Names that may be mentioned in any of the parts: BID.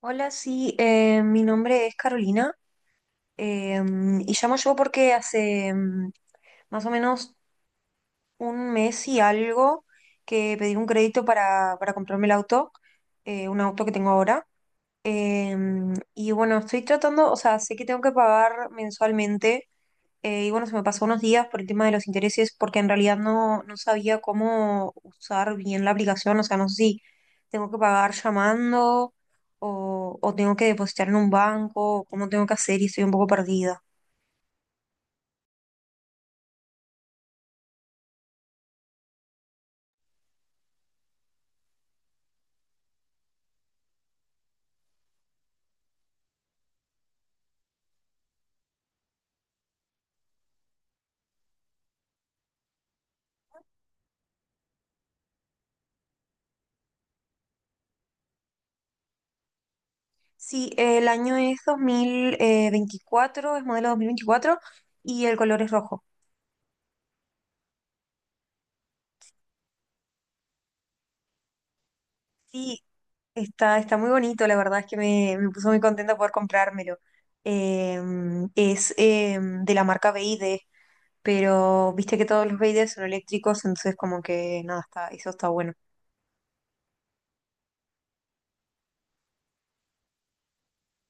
Hola, sí, mi nombre es Carolina, eh, y llamo yo porque hace más o menos un mes y algo que pedí un crédito para comprarme el auto, un auto que tengo ahora. Eh, y bueno, estoy tratando, o sea, sé que tengo que pagar mensualmente, y bueno, se me pasó unos días por el tema de los intereses, porque en realidad no sabía cómo usar bien la aplicación. O sea, no sé si tengo que pagar llamando o tengo que depositar en un banco, o cómo tengo que hacer y estoy un poco perdida. Sí, el año es 2024, es modelo 2024 y el color es rojo. Sí, está muy bonito, la verdad es que me puso muy contenta poder comprármelo. Es de la marca BID. Pero viste que todos los Raiders son eléctricos, entonces como que nada, está, eso está bueno.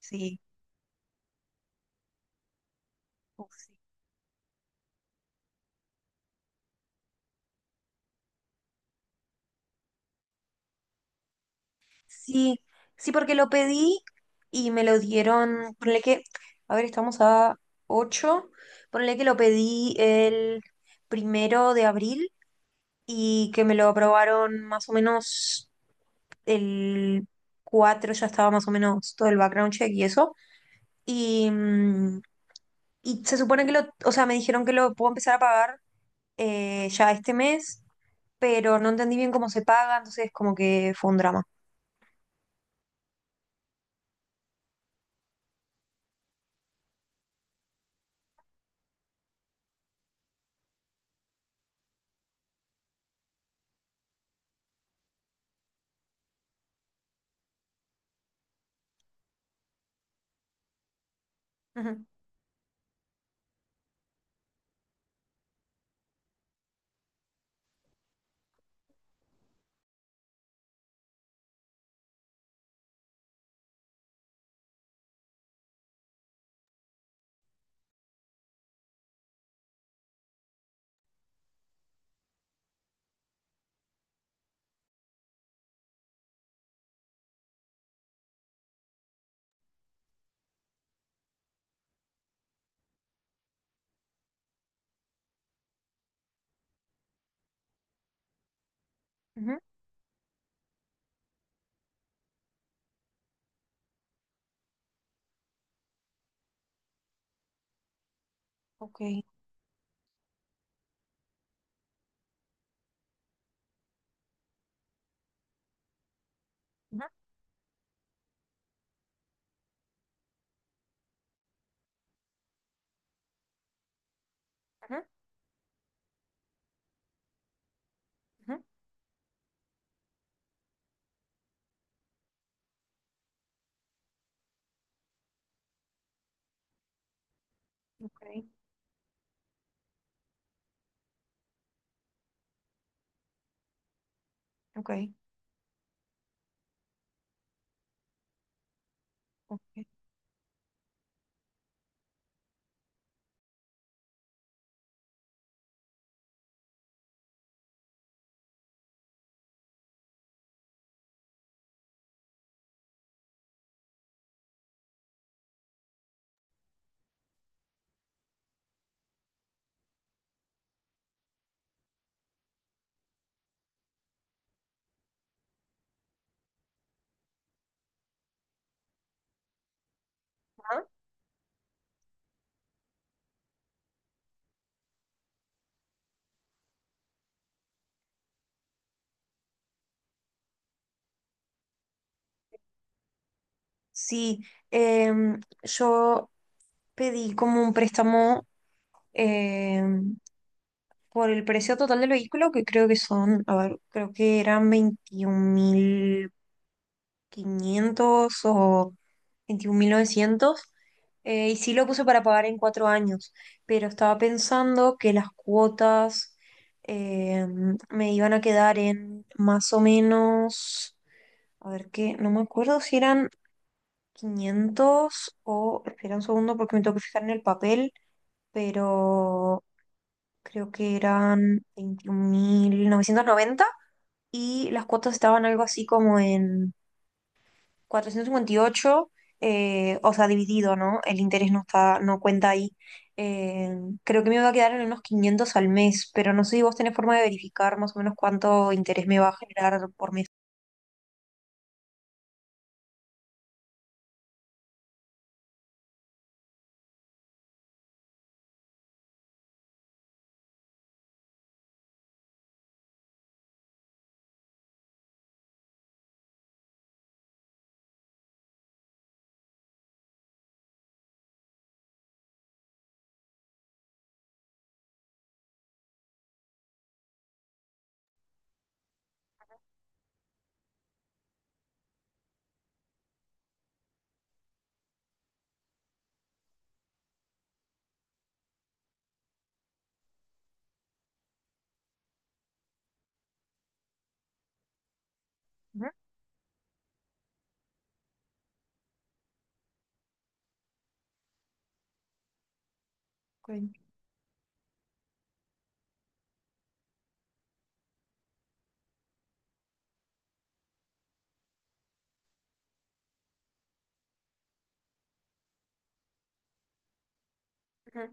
Sí, uf, sí. Sí, sí, porque lo pedí y me lo dieron, ponle que, a ver, estamos a 8, ponle que lo pedí el primero de abril y que me lo aprobaron más o menos el 4, ya estaba más o menos todo el background check y eso. Y, mm, y se supone que lo, o sea, me dijeron que lo puedo empezar a pagar, ya este mes, pero no entendí bien cómo se paga, entonces como que fue un drama. Ujú. Ujú. Ok. Ujú. Ujú. Ujú. Ok. Ok. Ok. Ajá. Sí, yo pedí como un préstamo, em, por el precio total del vehículo, que creo que son, a ver, creo que eran 21.500 o 21.900. Y sí lo puse para pagar en 4 años, pero estaba pensando que las cuotas, eh, me iban a quedar en más o menos, a ver qué, no me acuerdo si eran 500 o, espera un segundo porque me tengo que fijar en el papel, pero creo que eran 21.990 y las cuotas estaban algo así como en 458, o sea, dividido, ¿no? El interés no está, no cuenta ahí. Eh, Creo que me va a quedar en unos 500 al mes, pero no sé si vos tenés forma de verificar más o menos cuánto interés me va a generar por mes. Ujú. Ok. Ujú.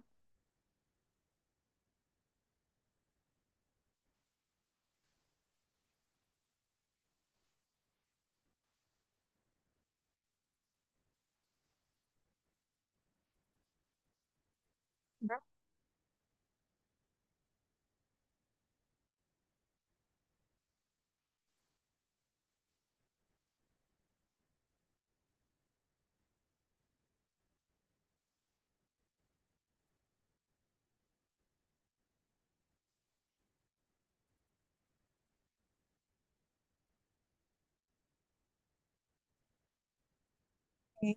Ujú. Ok.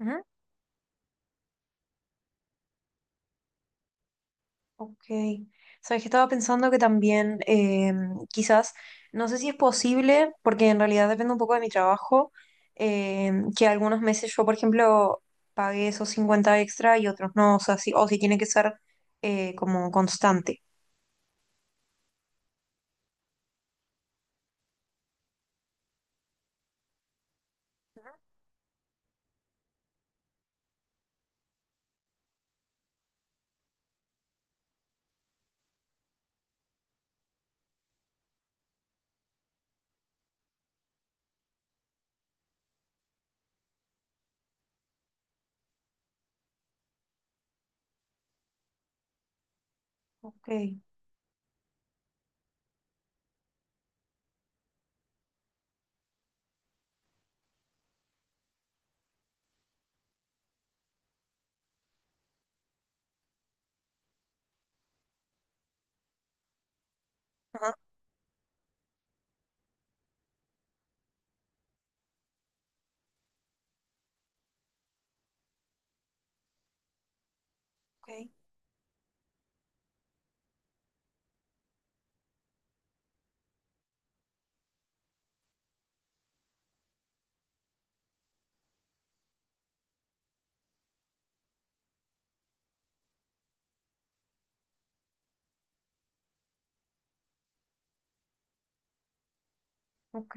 Ujú. Ok. Sabes que estaba pensando que también, quizás, no sé si es posible, porque en realidad depende un poco de mi trabajo, eh, que algunos meses yo, por ejemplo, pague esos 50 extra y otros no, o sea, si, o si tiene que ser como constante. Ok. Ajá. Ok. Ok.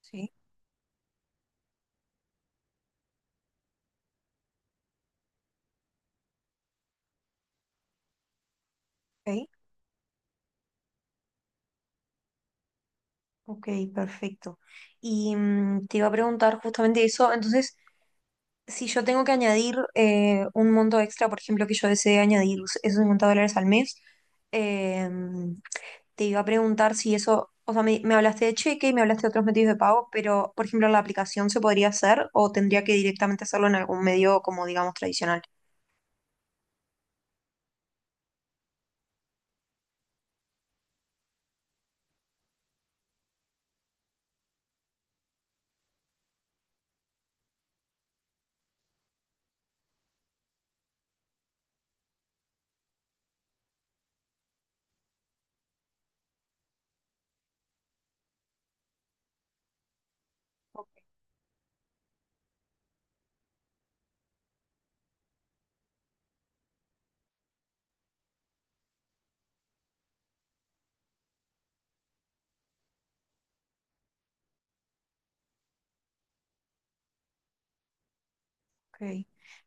Sí. Ok. Ok. Perfecto. Y te iba a preguntar justamente eso, entonces, si yo tengo que añadir, un monto extra, por ejemplo, que yo desee añadir esos $50 al mes, eh, te iba a preguntar si eso, o sea, me hablaste de cheque y me hablaste de otros medios de pago, pero, por ejemplo, ¿la aplicación se podría hacer o tendría que directamente hacerlo en algún medio, como digamos, tradicional? Ok,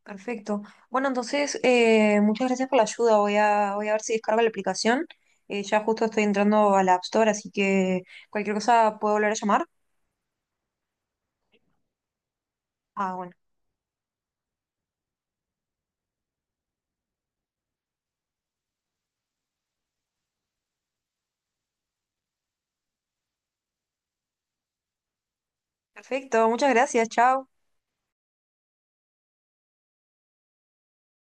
perfecto. Bueno, entonces, muchas gracias por la ayuda. Voy a ver si descargo la aplicación. Ya justo estoy entrando a la App Store, así que cualquier cosa puedo volver a llamar. Ah, bueno. Perfecto, muchas gracias, chao.